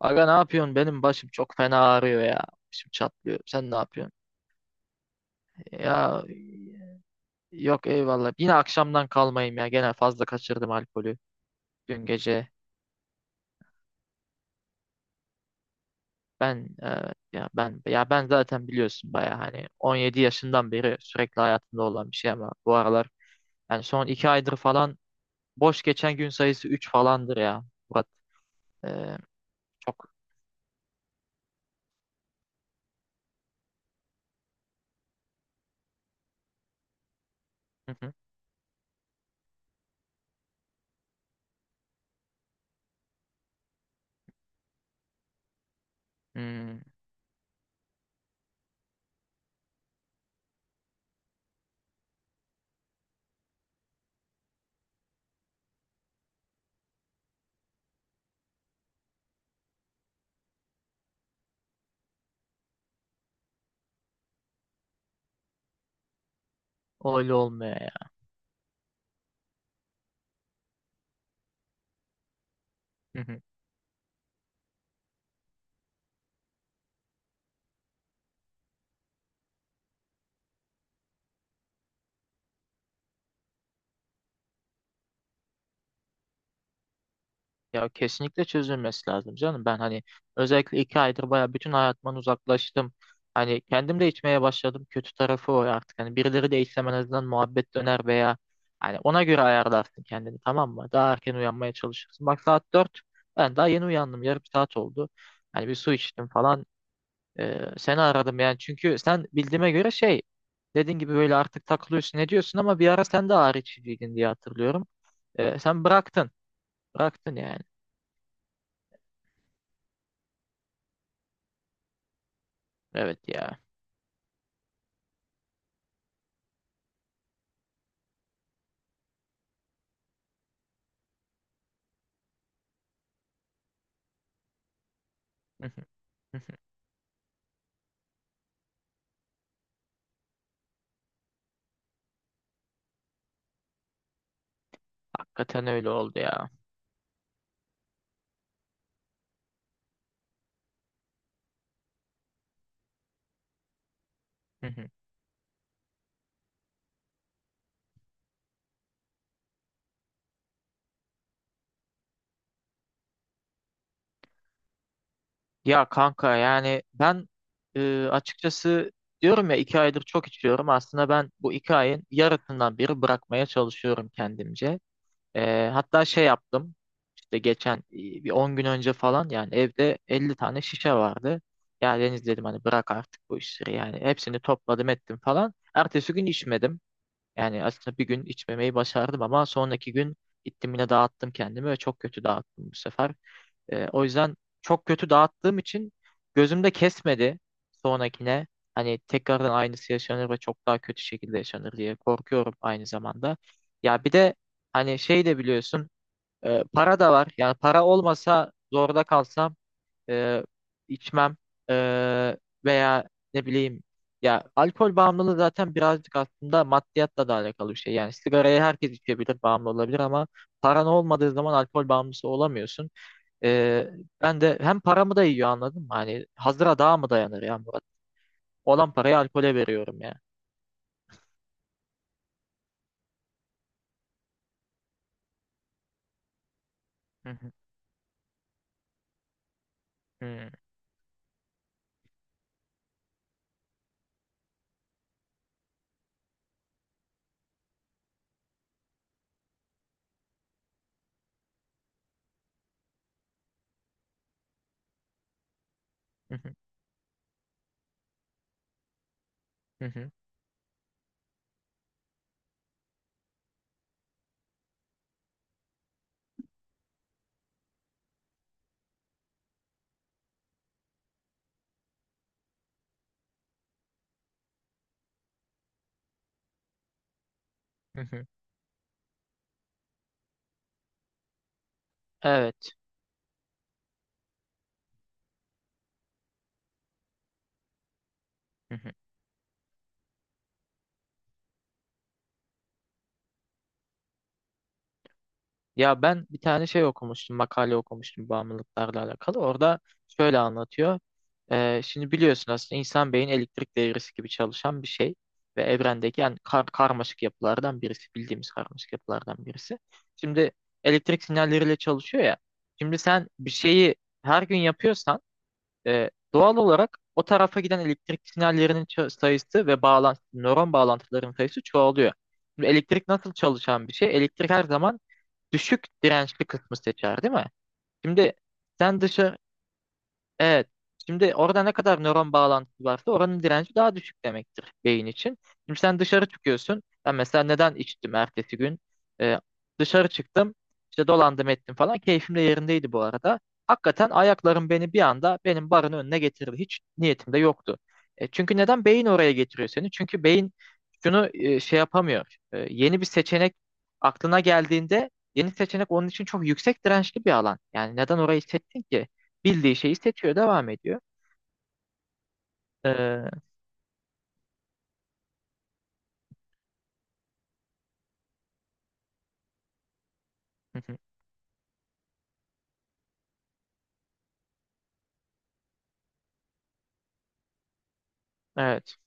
Aga, ne yapıyorsun? Benim başım çok fena ağrıyor ya. Başım çatlıyor. Sen ne yapıyorsun? Ya, yok, eyvallah. Yine akşamdan kalmayayım ya. Gene fazla kaçırdım alkolü dün gece. Ben e, ya ben zaten biliyorsun baya hani 17 yaşından beri sürekli hayatımda olan bir şey, ama bu aralar, yani son 2 aydır falan, boş geçen gün sayısı 3 falandır ya. Murat. E, Çok. Hı hı. Hmm, Öyle olmuyor ya. Ya kesinlikle çözülmesi lazım canım. Ben hani özellikle 2 aydır baya bütün hayatımdan uzaklaştım. Hani kendim de içmeye başladım. Kötü tarafı o artık. Hani birileri de içsem en azından muhabbet döner, veya hani ona göre ayarlarsın kendini, tamam mı? Daha erken uyanmaya çalışırsın. Bak, saat 4. Ben daha yeni uyandım. Yarım saat oldu. Hani bir su içtim falan. Seni aradım yani. Çünkü sen bildiğime göre şey, dediğin gibi böyle artık takılıyorsun, ne diyorsun, ama bir ara sen de ağrı içiciydin diye hatırlıyorum. Sen bıraktın. Bıraktın yani. Evet ya. Hı hı, hı hı. Hakikaten öyle oldu ya. Hı hı. Ya kanka, yani ben açıkçası diyorum ya, 2 aydır çok içiyorum. Aslında ben bu 2 ayın yarısından biri bırakmaya çalışıyorum kendimce. Hatta şey yaptım, işte geçen bir 10 gün önce falan, yani evde 50 tane şişe vardı. Ya Deniz dedim, hani bırak artık bu işleri yani, hepsini topladım ettim falan. Ertesi gün içmedim. Yani aslında bir gün içmemeyi başardım ama sonraki gün gittim yine dağıttım kendimi, ve çok kötü dağıttım bu sefer. O yüzden, çok kötü dağıttığım için, gözümde kesmedi sonrakine. Hani tekrardan aynısı yaşanır ve çok daha kötü şekilde yaşanır diye korkuyorum aynı zamanda. Ya bir de hani şey de biliyorsun, para da var. Yani para olmasa, zorda kalsam, e, içmem, e, veya ne bileyim. Ya, alkol bağımlılığı zaten birazcık aslında maddiyatla da alakalı bir şey. Yani sigarayı herkes içebilir, bağımlı olabilir, ama paran olmadığı zaman alkol bağımlısı olamıyorsun. Ee, Ben de hem paramı da yiyor, anladın mı? Hani hazıra daha mı dayanır ya, Murat? Olan parayı alkole veriyorum ya. Hı hı, hı hı, hı hı, hı hı. Evet. Hı hı. Ya ben bir tane şey okumuştum, makale okumuştum, bağımlılıklarla alakalı. Orada şöyle anlatıyor. Şimdi biliyorsun, aslında insan beyin elektrik devresi gibi çalışan bir şey. Ve evrendeki yani kar karmaşık yapılardan birisi. Bildiğimiz karmaşık yapılardan birisi. Şimdi elektrik sinyalleriyle çalışıyor ya. Şimdi sen bir şeyi her gün yapıyorsan, doğal olarak o tarafa giden elektrik sinyallerinin sayısı ve nöron bağlantılarının sayısı çoğalıyor. Şimdi elektrik nasıl çalışan bir şey? Elektrik her zaman düşük dirençli kısmı seçer, değil mi? Şimdi sen dışarı. Evet. Şimdi orada ne kadar nöron bağlantısı varsa oranın direnci daha düşük demektir beyin için. Şimdi sen dışarı çıkıyorsun. Ben mesela neden içtim ertesi gün? Ee, Dışarı çıktım. İşte dolandım ettim falan. Keyfim de yerindeydi bu arada. Hakikaten ayaklarım beni bir anda benim barın önüne getirdi. Hiç niyetim de yoktu. Çünkü neden? Beyin oraya getiriyor seni. Çünkü beyin şunu şey yapamıyor. Yeni bir seçenek aklına geldiğinde, yeni seçenek onun için çok yüksek dirençli bir alan. Yani neden orayı seçtin ki? Bildiği şeyi seçiyor, devam ediyor. Hı hı, evet.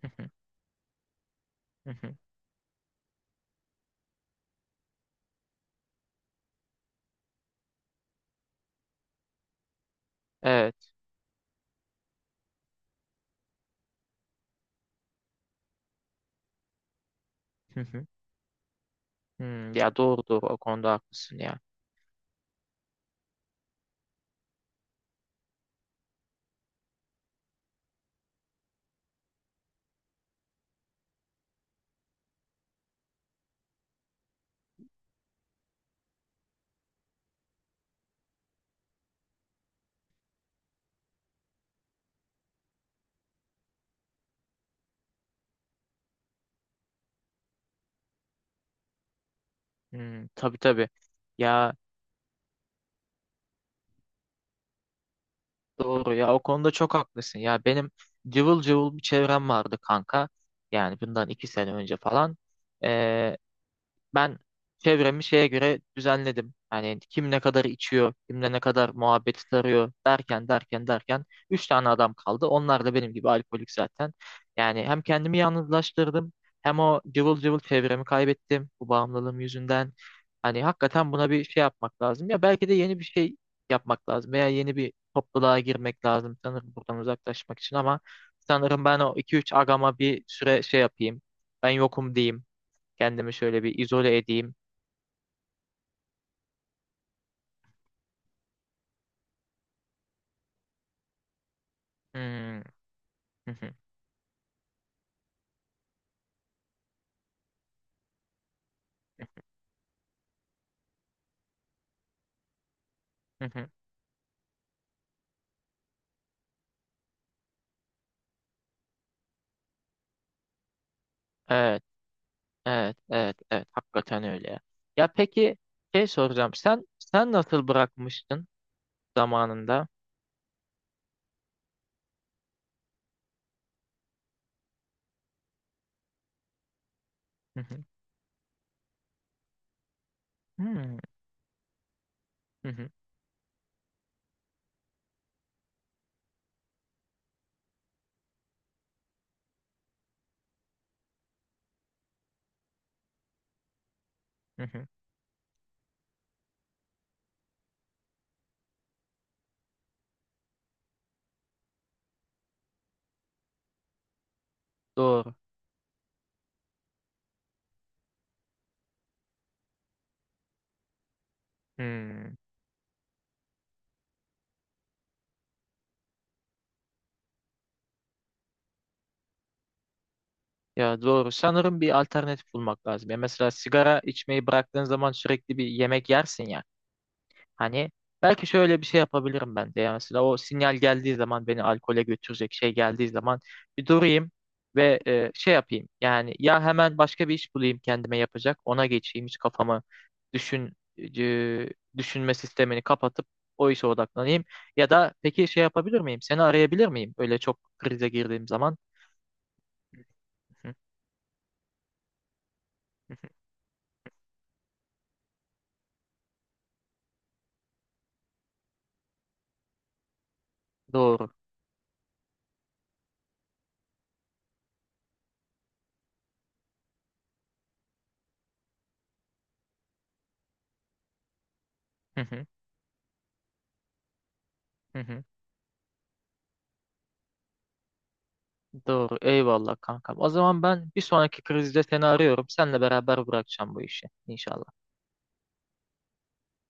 Hı hı, hı hı. Evet. Hı hı. Ya doğru doğru, o konuda haklısın ya. Hmm, tabii tabii. Ya doğru ya, o konuda çok haklısın. Ya benim cıvıl cıvıl bir çevrem vardı kanka. Yani bundan 2 sene önce falan. Ben çevremi şeye göre düzenledim. Yani kim ne kadar içiyor, kimle ne kadar muhabbeti sarıyor, derken derken derken 3 tane adam kaldı. Onlar da benim gibi alkolik zaten. Yani hem kendimi yalnızlaştırdım, hem o cıvıl cıvıl çevremi kaybettim, bu bağımlılığım yüzünden. Hani hakikaten buna bir şey yapmak lazım. Ya belki de yeni bir şey yapmak lazım, veya yeni bir topluluğa girmek lazım sanırım, buradan uzaklaşmak için, ama sanırım ben o iki üç agama bir süre şey yapayım. Ben yokum diyeyim. Kendimi şöyle bir izole edeyim. Hmm, hı hı, hı hı. Evet, evet, evet, evet. Hakikaten öyle ya. Ya peki, şey soracağım. Sen nasıl bırakmıştın zamanında? Hı hı, hmm, hı hı, hı hı. Doğru. Hmm. Ya doğru. Sanırım bir alternatif bulmak lazım. Ya mesela sigara içmeyi bıraktığın zaman sürekli bir yemek yersin ya. Hani belki şöyle bir şey yapabilirim ben de. Yani mesela o sinyal geldiği zaman, beni alkole götürecek şey geldiği zaman, bir durayım ve şey yapayım. Yani ya hemen başka bir iş bulayım kendime yapacak. Ona geçeyim, hiç kafamı düşün e, düşünme sistemini kapatıp o işe odaklanayım. Ya da peki şey yapabilir miyim? Seni arayabilir miyim, öyle çok krize girdiğim zaman? Hı, hı. Doğru. Hı hı, hı hı. Doğru. Eyvallah kankam. O zaman ben bir sonraki krizde seni arıyorum. Seninle beraber bırakacağım bu işi. İnşallah.